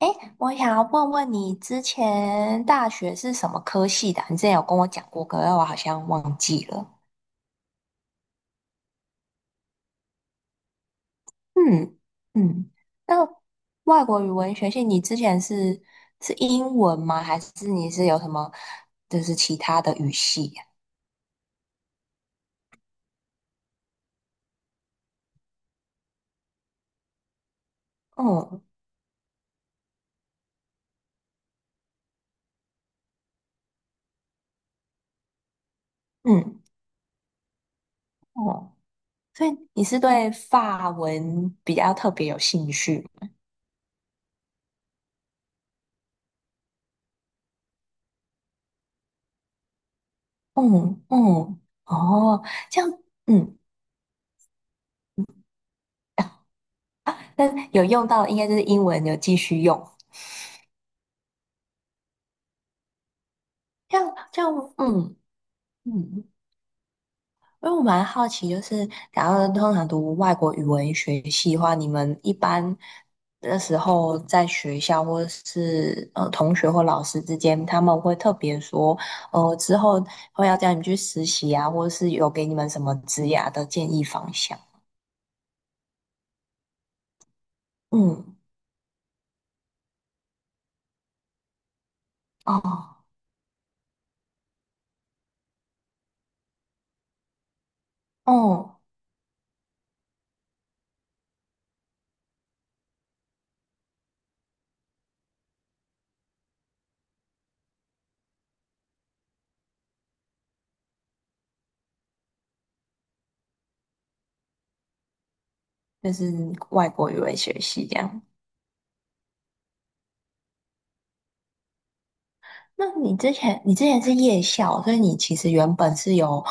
哎，我想要问问你，之前大学是什么科系的啊，你之前有跟我讲过，可是我好像忘记了。嗯嗯，那外国语文学系，你之前是英文吗？还是你是有什么，就是其他的语系呀？嗯嗯哦，所以你是对法文比较特别有兴趣？嗯嗯哦，这样。嗯啊，那有用到应该就是英文有继续用。这样这样，嗯嗯，因为我蛮好奇，就是假如通常读外国语文学系的话，你们一般的时候在学校或者是同学或老师之间，他们会特别说，之后会要叫你们去实习啊，或者是有给你们什么职涯的建议方向？嗯，哦，哦，就是外国语文学系这样。那你之前是夜校，所以你其实原本是有，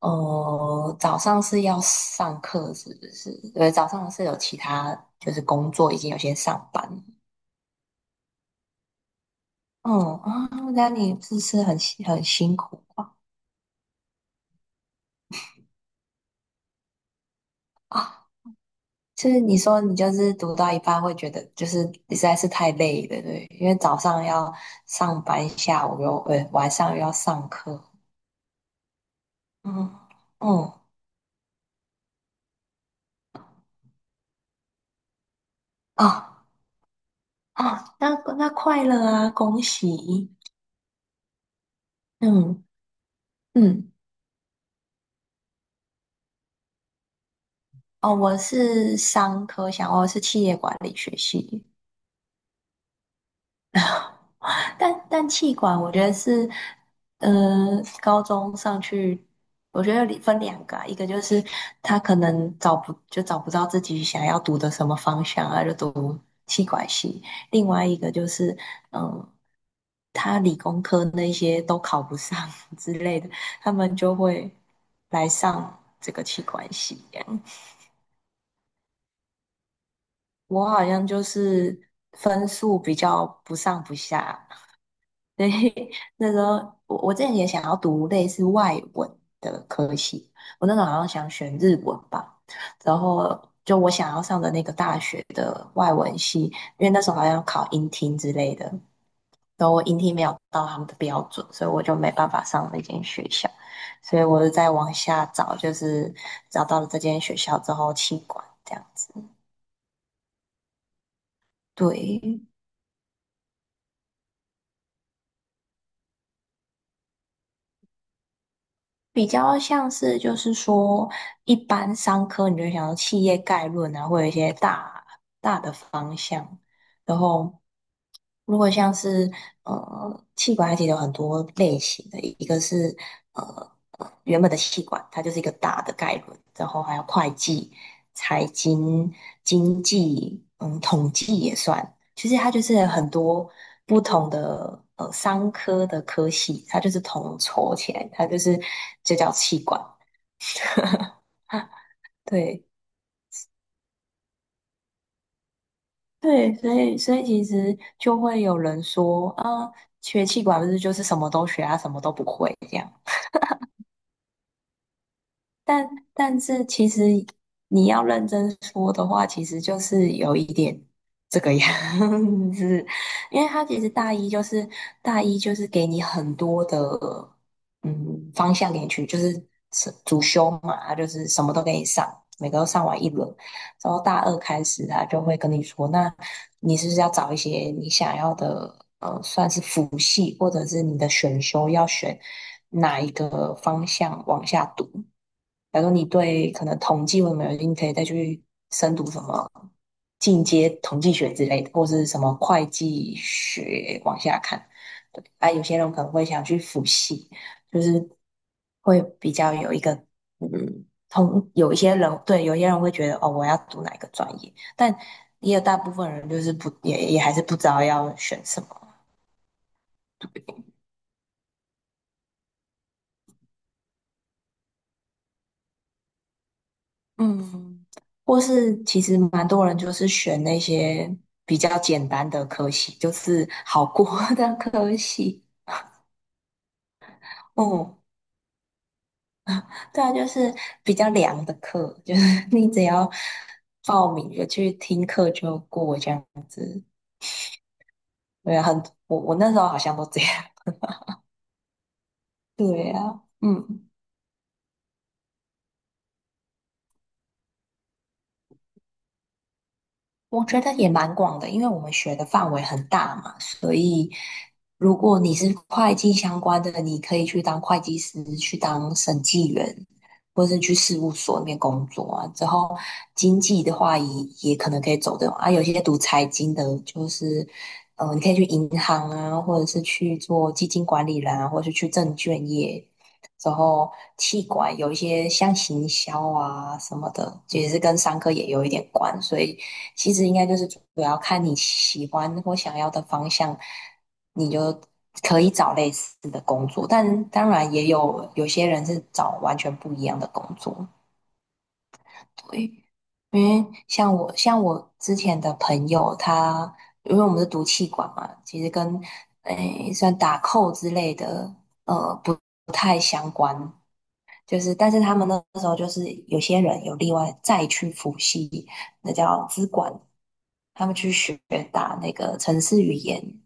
早上是要上课，是不是？对，早上是有其他，就是工作，已经有些上班。嗯啊，那你是不是很辛苦啊？就是你说你就是读到一半会觉得就是实在是太累了。对，因为早上要上班，下午又晚上又要上课。嗯嗯啊啊，那快乐啊，恭喜！嗯。嗯，哦，我是商科想我是企业管理学系，但企管我觉得是，呃，高中上去，我觉得里分两个啊，一个就是他可能找不到自己想要读的什么方向啊，就读气管系。另外一个就是，嗯，他理工科那些都考不上 之类的，他们就会来上这个企管系。我好像就是分数比较不上不下，所以那时候，我之前也想要读类似外文的科系。我那时候好像想选日文吧，然后就我想要上的那个大学的外文系，因为那时候好像要考英听之类的，然后我英听没有到他们的标准，所以我就没办法上那间学校，所以我就在往下找，就是找到了这间学校之后弃管这样子。对。比较像是就是说，一般商科你就会想到企业概论啊，或有一些大大的方向。然后如果像是气管，它其实有很多类型的，一个是呃原本的气管，它就是一个大的概论，然后还有会计、财经、经济，统计也算。其实它就是很多不同的商科的科系，它就是统筹起来，它就是就叫气管。啊，对对，所以其实就会有人说啊，学气管不是就是什么都学啊，什么都不会这样。但但是其实你要认真说的话，其实就是有一点这个样子，因为他其实大一就是给你很多的嗯方向给你去，就是是主修嘛，他就是什么都给你上，每个都上完一轮。然后大二开始他就会跟你说，那你是不是要找一些你想要的算是辅系或者是你的选修要选哪一个方向往下读？假如你对可能统计或什么有兴趣，可以再去深读什么进阶统计学之类的，或是什么会计学往下看。对。啊，有些人可能会想去辅系，就是会比较有一个，通有一些人，对，有些人会觉得哦，我要读哪一个专业。但也有大部分人就是不也也还是不知道要选什么。嗯，或是其实蛮多人就是选那些比较简单的科系，就是好过 的科系。嗯，对啊，就是比较凉的课，就是 你只要报名就去听课就过这样。对啊，我那时候好像都这样。对啊，嗯。我觉得也蛮广的，因为我们学的范围很大嘛。所以如果你是会计相关的，你可以去当会计师，去当审计员，或是去事务所里面工作啊。之后经济的话也可能可以走这种啊。有些读财经的，就是你可以去银行啊，或者是去做基金管理人啊，或者是去证券业。之后，气管有一些像行销啊什么的，其实是跟商科也有一点关，所以其实应该就是主要看你喜欢或想要的方向，你就可以找类似的工作。但当然也有些人是找完全不一样的工作。对，因为像我之前的朋友他，因为我们是读气管嘛，其实跟算打扣之类的，不就是。但是他们那时候就是有些人有另外再去辅系，那叫资管，他们去学打那个城市语言。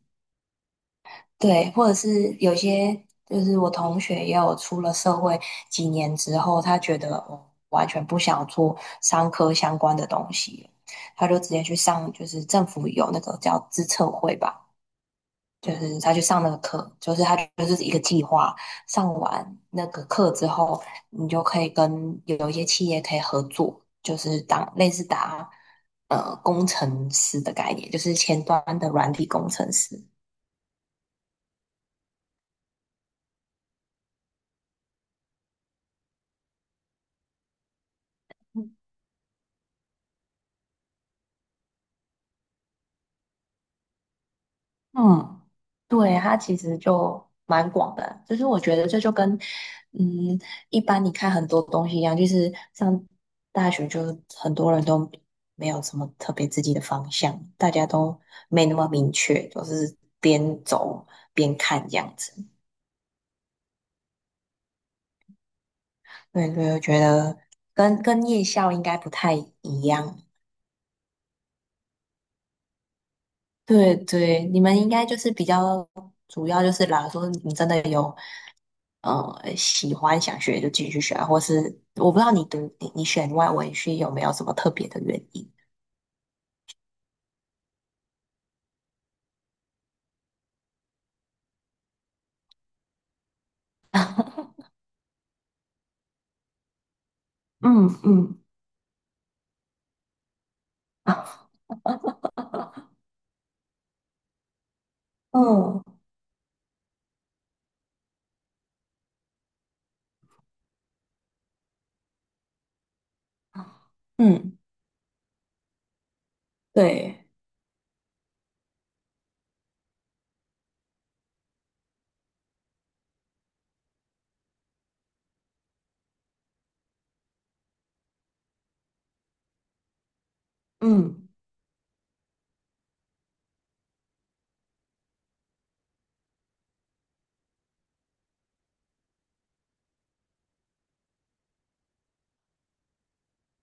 对，或者是有些就是我同学也有出了社会几年之后，他觉得哦，完全不想做商科相关的东西了，他就直接去上，就是政府有那个叫资策会吧。就是他去上那个课，就是他就是一个计划，上完那个课之后，你就可以跟有一些企业可以合作，就是当类似打工程师的概念，就是前端的软体工程师。嗯。对，它其实就蛮广的，就是我觉得这就跟，嗯，一般你看很多东西一样，就是上大学就很多人都没有什么特别自己的方向，大家都没那么明确，就是边走边看这样子。对对，我觉得跟夜校应该不太一样。对对，你们应该就是比较主要就是啦，假说你真的有喜欢想学就继续学啊。或是我不知道你读你选外文系有没有什么特别的原因？嗯嗯啊哦 嗯对嗯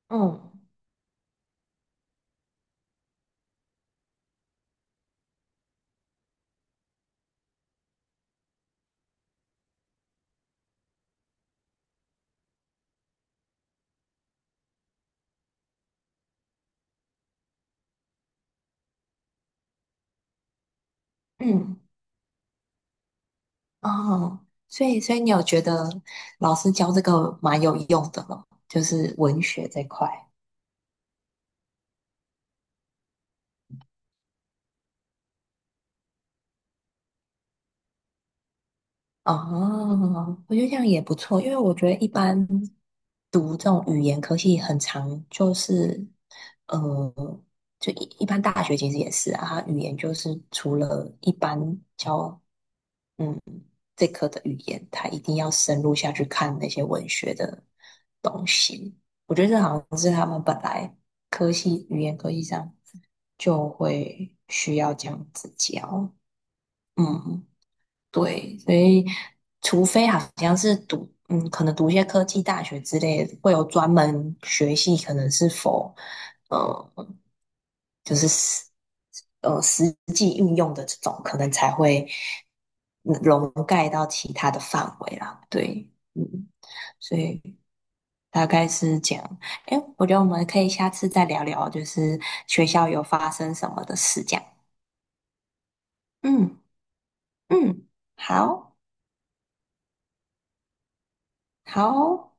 嗯嗯哦，所以你有觉得老师教这个蛮有用的了，就是文学这块。哦，我觉得这样也不错，因为我觉得一般。读这种语言科系很常就是，呃，一般大学其实也是啊，它语言就是除了一般教，嗯，这科的语言，它一定要深入下去看那些文学的东西。我觉得这好像是他们本来语言科系上就会需要这样子教，嗯。对，所以除非好像是读，可能读一些科技大学之类的，会有专门学系，可能是否，呃，就是实际运用的这种，可能才会笼盖到其他的范围啦。对，嗯，所以大概是这样。哎，我觉得我们可以下次再聊聊，就是学校有发生什么的事这样。嗯嗯，好好。